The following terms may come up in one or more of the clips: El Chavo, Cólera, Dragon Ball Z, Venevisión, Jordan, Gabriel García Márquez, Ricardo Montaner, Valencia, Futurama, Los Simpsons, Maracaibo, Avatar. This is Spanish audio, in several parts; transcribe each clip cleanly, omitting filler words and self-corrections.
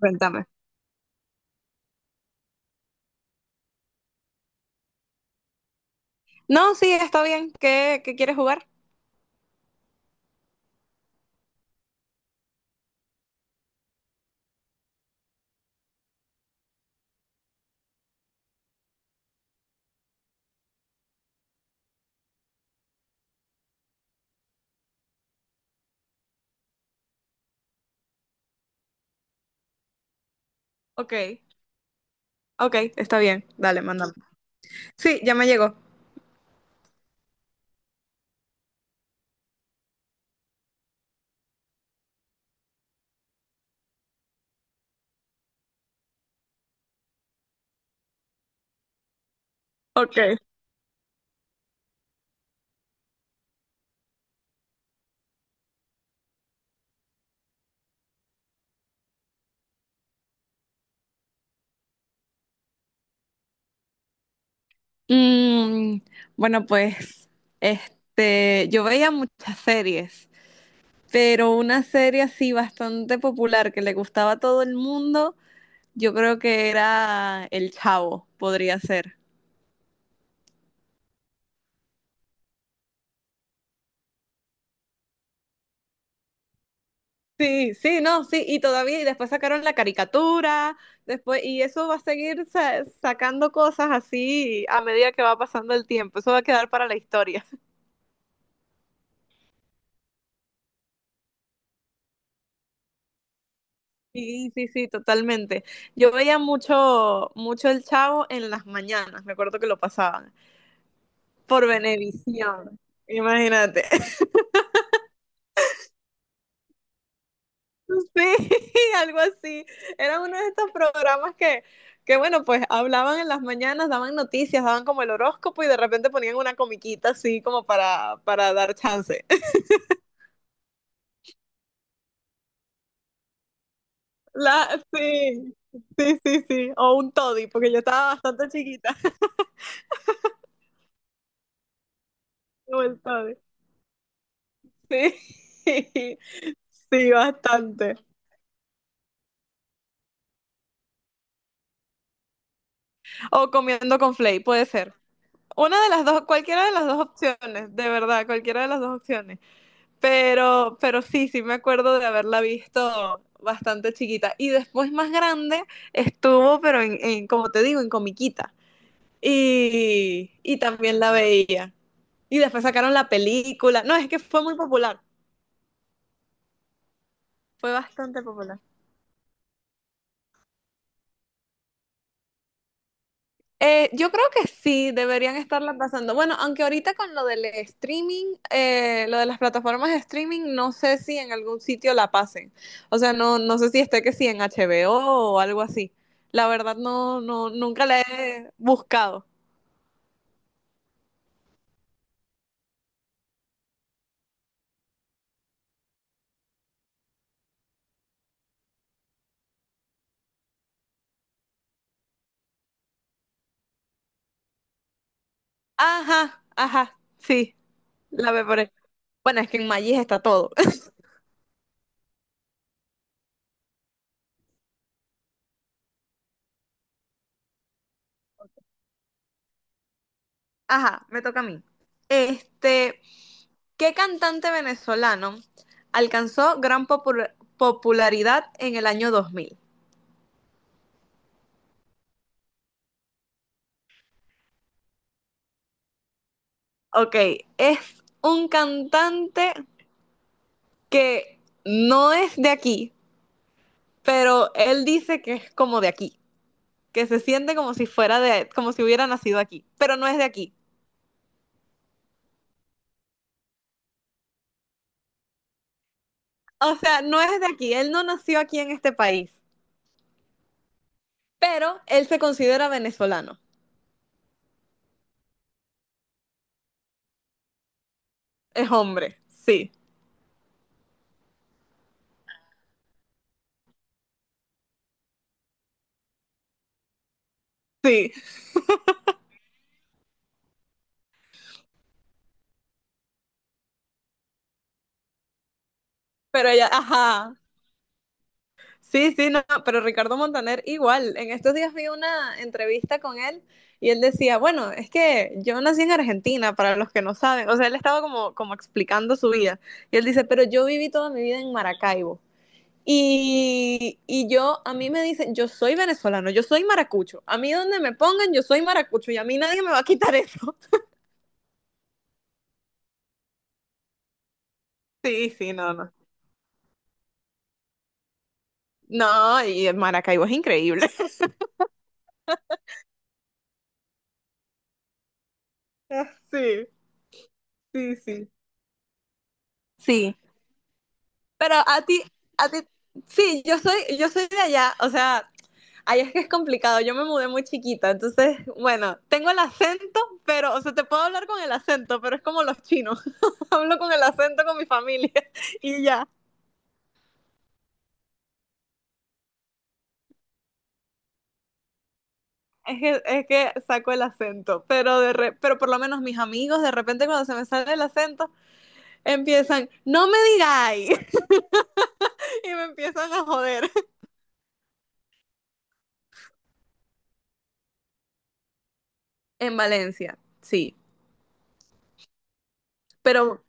Cuéntame. No, sí, está bien. ¿Qué quieres jugar? Ok, ok, está bien. Dale, mándame. Sí, ya me llegó. Ok. Mm, bueno, pues, este, yo veía muchas series, pero una serie así bastante popular que le gustaba a todo el mundo, yo creo que era El Chavo, podría ser. Sí, sí, no, sí, y todavía, y después sacaron la caricatura, después, y eso va a seguir sacando cosas así a medida que va pasando el tiempo, eso va a quedar para la historia. Sí, sí, sí, totalmente. Yo veía mucho, mucho El Chavo en las mañanas, me acuerdo que lo pasaban, por Venevisión, imagínate. Sí, algo así. Era uno de estos programas que, bueno, pues hablaban en las mañanas, daban noticias, daban como el horóscopo y de repente ponían una comiquita así como para dar chance. Sí, sí, sí, sí. O un toddy, porque yo estaba bastante chiquita. Como el toddy. Sí, sí, bastante. O comiendo con flay, puede ser. Una de las dos, cualquiera de las dos opciones, de verdad, cualquiera de las dos opciones. Pero sí, sí me acuerdo de haberla visto bastante chiquita. Y después más grande estuvo, pero en, como te digo, en comiquita. Y también la veía. Y después sacaron la película. No, es que fue muy popular. Fue bastante popular. Yo creo que sí, deberían estarla pasando. Bueno, aunque ahorita con lo del streaming, lo de las plataformas de streaming, no sé si en algún sitio la pasen. O sea, no, no sé si esté que sí en HBO o algo así. La verdad, no, no, nunca la he buscado. Ajá, ajá, sí, la ve por ahí. Bueno, es que en Magis está todo. Ajá, me toca a mí. Este, ¿qué cantante venezolano alcanzó gran popularidad en el año 2000? Ok, es un cantante que no es de aquí, pero él dice que es como de aquí, que se siente como si fuera de, como si hubiera nacido aquí, pero no es de aquí. O sea, no es de aquí, él no nació aquí en este país, pero él se considera venezolano. Es hombre, sí, sí, pero ella, ajá. Sí, sí, no, pero Ricardo Montaner igual. En estos días vi una entrevista con él y él decía, bueno, es que yo nací en Argentina, para los que no saben. O sea, él estaba como explicando su vida. Y él dice, pero yo viví toda mi vida en Maracaibo. Y yo, a mí me dicen, yo soy venezolano, yo soy maracucho. A mí donde me pongan, yo soy maracucho y a mí nadie me va a quitar eso. Sí, sí, no, no. No, y el Maracaibo es increíble. Sí, sí, sí. Sí. Pero a ti, sí, yo soy de allá, o sea, allá es que es complicado, yo me mudé muy chiquita, entonces, bueno, tengo el acento, pero, o sea, te puedo hablar con el acento, pero es como los chinos, hablo con el acento con mi familia y ya. Es que saco el acento, pero, pero por lo menos mis amigos de repente cuando se me sale el acento empiezan, no me digáis, y me empiezan a joder. En Valencia, sí, pero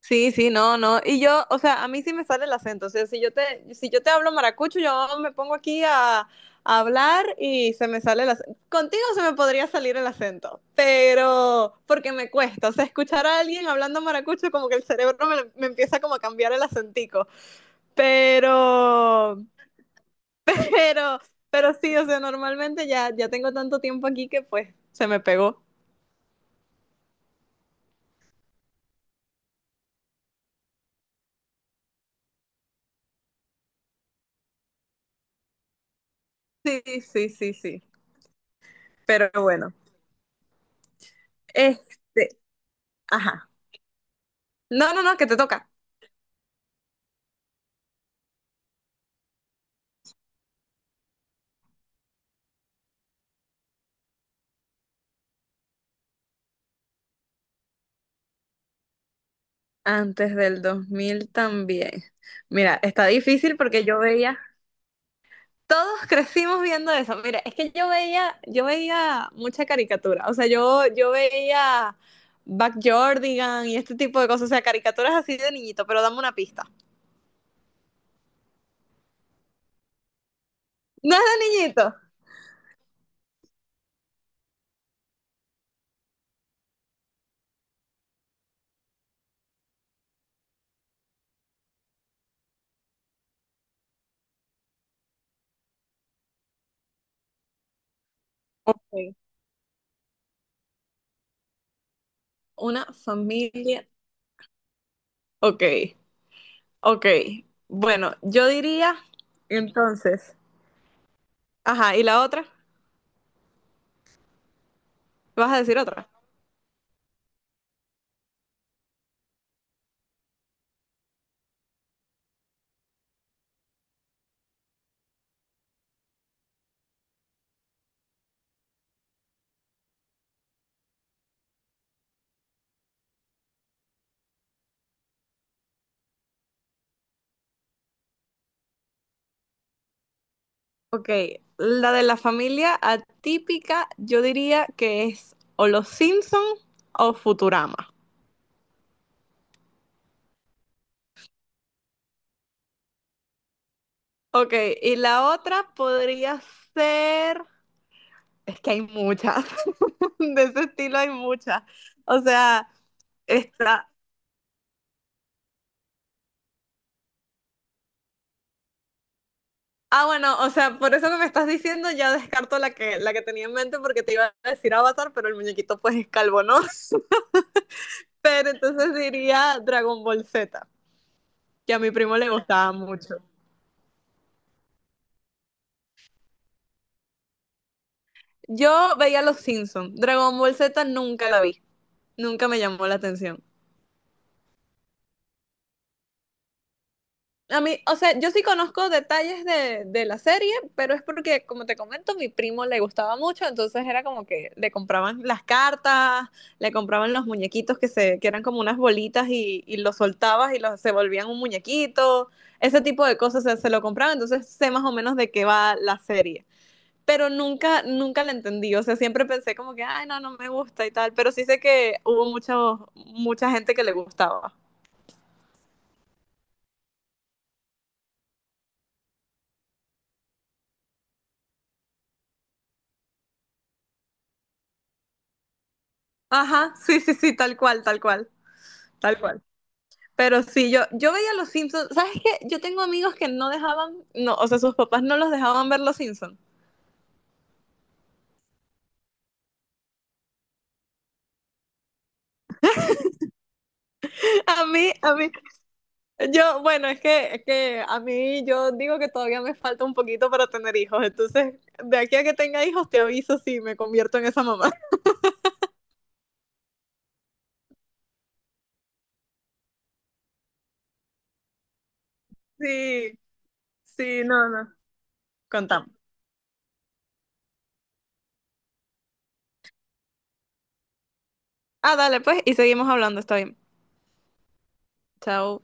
sí, sí, no, no. Y yo, o sea, a mí sí me sale el acento. O sea, si yo te, hablo maracucho, yo me pongo aquí a hablar y se me sale el acento. Contigo se me podría salir el acento, pero porque me cuesta. O sea, escuchar a alguien hablando maracucho, como que el cerebro me, empieza como a cambiar el acentico. Pero, pero, pero sí, o sea, normalmente ya, ya tengo tanto tiempo aquí que pues se me pegó. Sí, sí, sí, sí. Pero bueno. Este, ajá. No, no, no, que te toca. Antes del 2000 también. Mira, está difícil porque yo veía, todos crecimos viendo eso. Mira, es que yo veía, mucha caricatura. O sea, yo veía Jordan y este tipo de cosas. O sea, caricaturas así de niñito, pero dame una pista. No es de niñito. Ok. Una familia. Ok, ok. Bueno, yo diría entonces. Ajá, ¿y la otra? ¿Vas a decir otra? Ok, la de la familia atípica, yo diría que es o Los Simpson o Futurama. Ok, y la otra podría ser, es que hay muchas, de ese estilo hay muchas. O sea, está, ah, bueno, o sea, por eso que me estás diciendo ya descarto la que, tenía en mente porque te iba a decir Avatar, pero el muñequito pues es calvo, ¿no? Pero entonces diría Dragon Ball Z, que a mi primo le gustaba mucho. Yo veía Los Simpsons. Dragon Ball Z nunca la vi. Nunca me llamó la atención. A mí, o sea, yo sí conozco detalles de, la serie, pero es porque, como te comento, mi primo le gustaba mucho, entonces era como que le compraban las cartas, le compraban los muñequitos que eran como unas bolitas y, los soltabas y se volvían un muñequito, ese tipo de cosas se lo compraban, entonces sé más o menos de qué va la serie. Pero nunca, nunca la entendí. O sea, siempre pensé como que, ay, no, no me gusta y tal, pero sí sé que hubo mucho, mucha gente que le gustaba. Ajá, sí, sí, sí, tal cual, tal cual, tal cual. Pero sí, yo, veía Los Simpsons. ¿Sabes qué? Yo tengo amigos que no dejaban, no, o sea, sus papás no los dejaban ver Los Simpsons. a mí yo, bueno, es que a mí yo digo que todavía me falta un poquito para tener hijos. Entonces, de aquí a que tenga hijos, te aviso si me convierto en esa mamá. Sí, sí, no, no. Contamos. Ah, dale, pues, y seguimos hablando, está bien. Chao.